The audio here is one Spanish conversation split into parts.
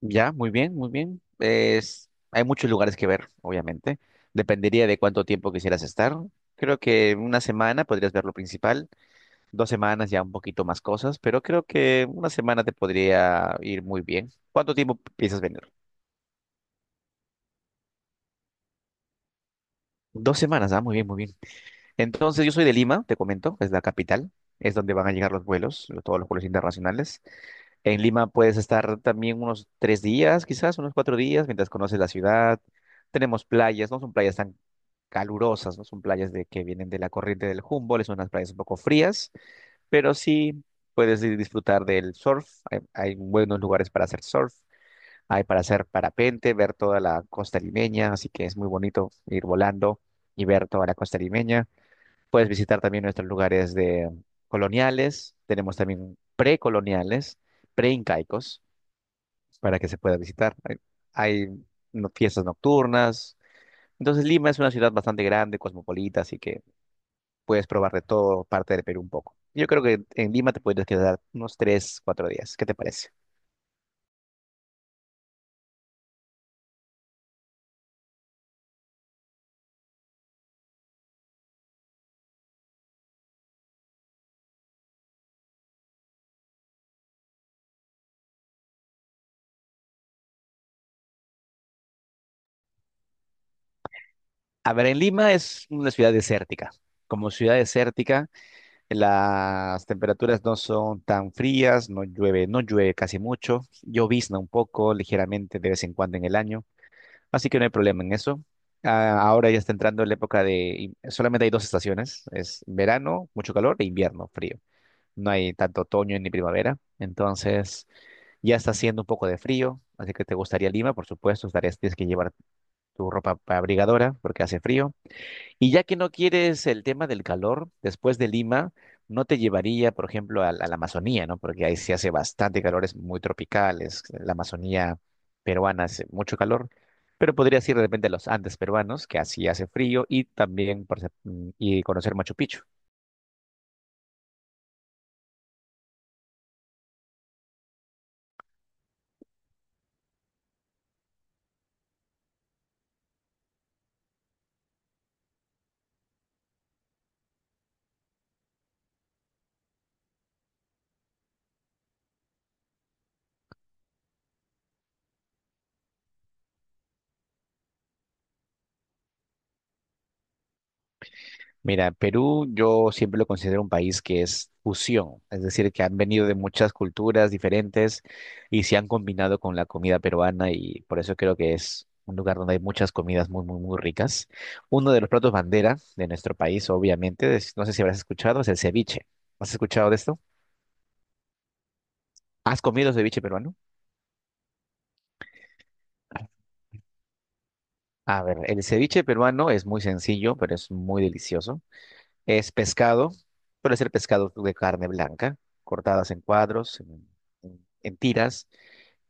Ya, muy bien, muy bien. Hay muchos lugares que ver, obviamente. Dependería de cuánto tiempo quisieras estar. Creo que una semana podrías ver lo principal, dos semanas ya un poquito más cosas, pero creo que una semana te podría ir muy bien. ¿Cuánto tiempo piensas venir? Dos semanas, ah, muy bien, muy bien. Entonces, yo soy de Lima, te comento, es la capital, es donde van a llegar los vuelos, todos los vuelos internacionales. En Lima puedes estar también unos tres días, quizás unos cuatro días, mientras conoces la ciudad. Tenemos playas, no son playas tan calurosas, no son playas de que vienen de la corriente del Humboldt, son unas playas un poco frías, pero sí puedes ir disfrutar del surf. Hay buenos lugares para hacer surf, hay para hacer parapente, ver toda la costa limeña, así que es muy bonito ir volando y ver toda la costa limeña. Puedes visitar también nuestros lugares de coloniales, tenemos también precoloniales, preincaicos para que se pueda visitar. Hay no- Fiestas nocturnas. Entonces Lima es una ciudad bastante grande, cosmopolita, así que puedes probar de todo parte del Perú un poco. Yo creo que en Lima te puedes quedar unos tres, cuatro días. ¿Qué te parece? A ver, en Lima es una ciudad desértica. Como ciudad desértica, las temperaturas no son tan frías, no llueve, no llueve casi mucho, llovizna un poco, ligeramente de vez en cuando en el año. Así que no hay problema en eso. Ah, ahora ya está entrando la época de... Solamente hay dos estaciones. Es verano, mucho calor, e invierno, frío. No hay tanto otoño ni primavera. Entonces ya está haciendo un poco de frío. Así que te gustaría Lima, por supuesto. Estarías, tienes que llevar tu ropa abrigadora porque hace frío. Y ya que no quieres el tema del calor, después de Lima, no te llevaría, por ejemplo, a la Amazonía, ¿no? Porque ahí se hace bastante calor, es muy tropical, la Amazonía peruana hace mucho calor, pero podrías ir de repente a los Andes peruanos, que así hace frío, y también y conocer Machu Picchu. Mira, Perú yo siempre lo considero un país que es fusión, es decir, que han venido de muchas culturas diferentes y se han combinado con la comida peruana y por eso creo que es un lugar donde hay muchas comidas muy, muy, muy ricas. Uno de los platos bandera de nuestro país, obviamente, no sé si habrás escuchado, es el ceviche. ¿Has escuchado de esto? ¿Has comido ceviche peruano? A ver, el ceviche peruano es muy sencillo, pero es muy delicioso. Es pescado, suele ser pescado de carne blanca, cortadas en cuadros, en tiras,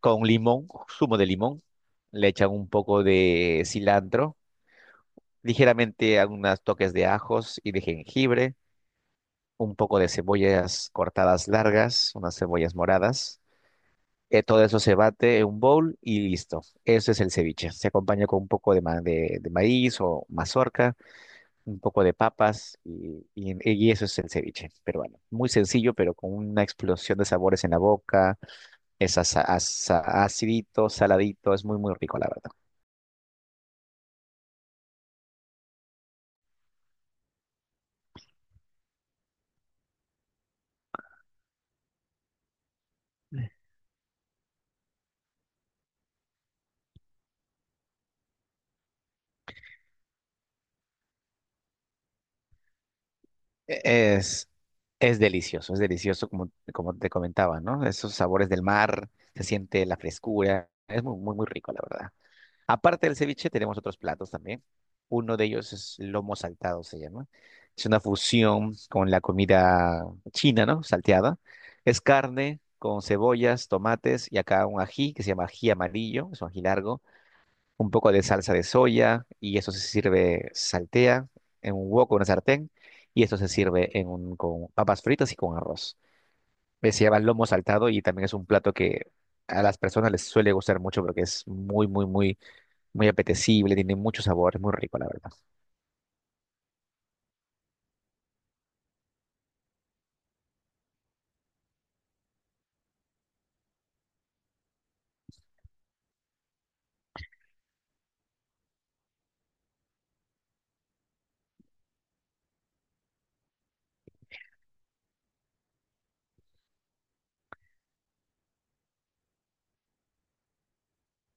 con limón, zumo de limón. Le echan un poco de cilantro, ligeramente algunos toques de ajos y de jengibre, un poco de cebollas cortadas largas, unas cebollas moradas. Todo eso se bate en un bowl y listo. Eso es el ceviche. Se acompaña con un poco de, de maíz o mazorca un poco de papas y eso es el ceviche peruano. Muy sencillo, pero con una explosión de sabores en la boca. Es acidito, saladito, es muy, muy rico, la verdad. E- Es, es delicioso, es delicioso como, como te comentaba, ¿no? Esos sabores del mar, se siente la frescura, es muy, muy, muy rico, la verdad. Aparte del ceviche, tenemos otros platos también. Uno de ellos es lomo saltado, se llama. Es una fusión con la comida china, ¿no? Salteada. Es carne con cebollas, tomates y acá un ají que se llama ají amarillo, es un ají largo, un poco de salsa de soya y eso se sirve, se saltea en un wok o una sartén y esto se sirve en un, con papas fritas y con arroz. Se llama lomo saltado y también es un plato que a las personas les suele gustar mucho porque es muy, muy, muy muy apetecible, tiene mucho sabor, es muy rico, la verdad.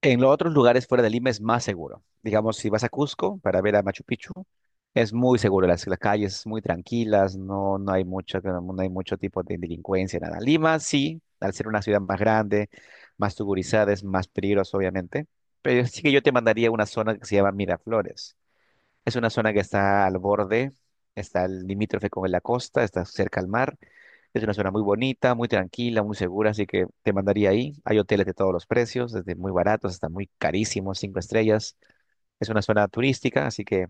En los otros lugares fuera de Lima es más seguro. Digamos, si vas a Cusco para ver a Machu Picchu, es muy seguro, las calles muy tranquilas, no hay mucho, no hay mucho tipo de delincuencia, nada. Lima sí, al ser una ciudad más grande, más tugurizada, es más peligroso, obviamente. Pero sí que yo te mandaría a una zona que se llama Miraflores. Es una zona que está al borde, está el limítrofe con la costa, está cerca al mar. Es una zona muy bonita, muy tranquila, muy segura, así que te mandaría ahí. Hay hoteles de todos los precios, desde muy baratos hasta muy carísimos, cinco estrellas. Es una zona turística, así que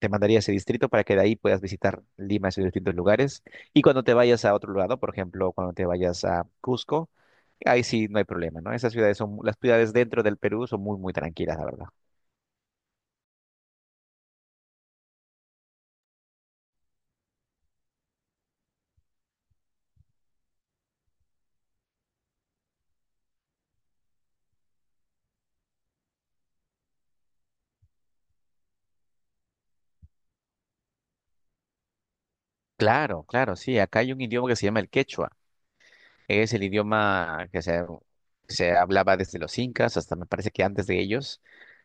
te mandaría a ese distrito para que de ahí puedas visitar Lima y sus distintos lugares. Y cuando te vayas a otro lado, por ejemplo, cuando te vayas a Cusco, ahí sí no hay problema, ¿no? Esas ciudades son, las ciudades dentro del Perú son muy, muy tranquilas, la verdad. Claro, claro, sí. Acá hay un idioma que se llama el quechua. Es el idioma que se hablaba desde los incas hasta me parece que antes de ellos.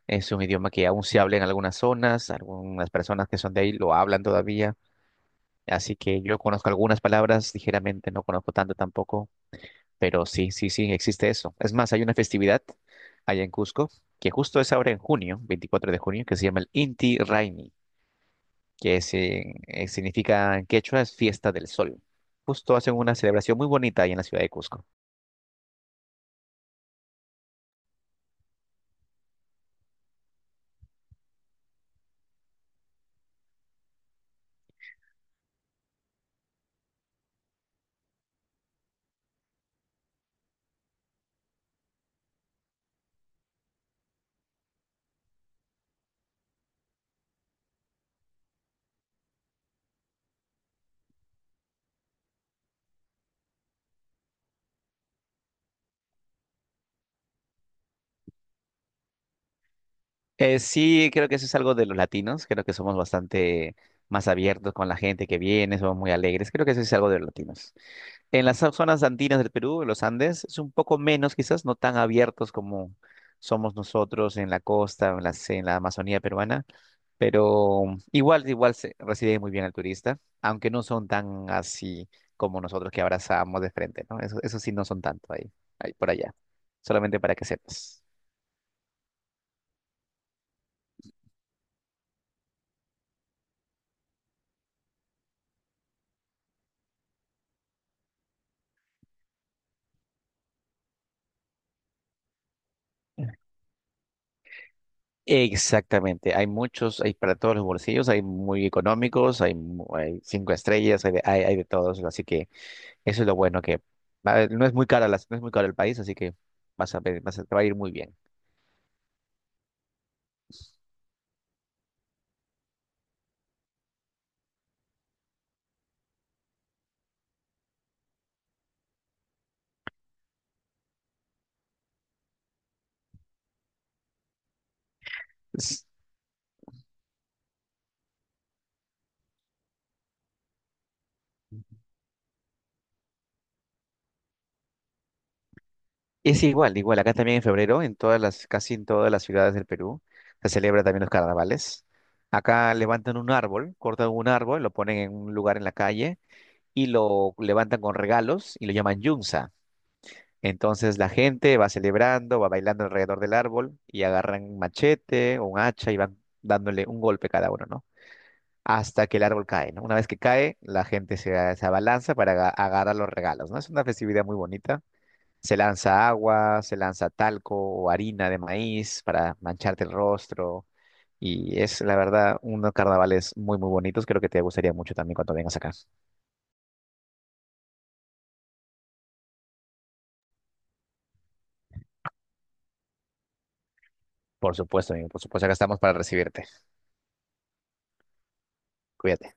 Es un idioma que aún se habla en algunas zonas, algunas personas que son de ahí lo hablan todavía. Así que yo conozco algunas palabras, ligeramente, no conozco tanto tampoco, pero sí, existe eso. Es más, hay una festividad allá en Cusco que justo es ahora en junio, 24 de junio, que se llama el Inti Raymi, significa en quechua es fiesta del sol. Justo hacen una celebración muy bonita ahí en la ciudad de Cusco. Sí, creo que eso es algo de los latinos, creo que somos bastante más abiertos con la gente que viene, somos muy alegres, creo que eso es algo de los latinos. En las zonas andinas del Perú, en los Andes, es un poco menos quizás, no tan abiertos como somos nosotros en la costa, en la Amazonía peruana, pero igual se recibe muy bien al turista, aunque no son tan así como nosotros que abrazamos de frente, ¿no? Eso sí no son tanto ahí, ahí por allá, solamente para que sepas. Exactamente, hay muchos, hay para todos los bolsillos, hay muy económicos, hay cinco estrellas, hay de todos, así que eso es lo bueno que no es muy cara no es muy caro el país, así que vas a ver, vas a, te va a ir muy bien. S- Es igual, igual, acá también en febrero, casi en todas las ciudades del Perú, se celebra también los carnavales. Acá levantan un árbol, cortan un árbol, lo ponen en un lugar en la calle y lo levantan con regalos y lo llaman yunza. Entonces la gente va celebrando, va bailando alrededor del árbol y agarran un machete o un hacha y van dándole un golpe cada uno, ¿no? Hasta que el árbol cae, ¿no? Una vez que cae, la gente se abalanza para agarrar los regalos, ¿no? Es una festividad muy bonita. Se lanza agua, se lanza talco o harina de maíz para mancharte el rostro. Y es, la verdad, unos carnavales muy, muy bonitos. Creo que te gustaría mucho también cuando vengas acá. Por supuesto, amigo, por supuesto, acá estamos para recibirte. Cuídate.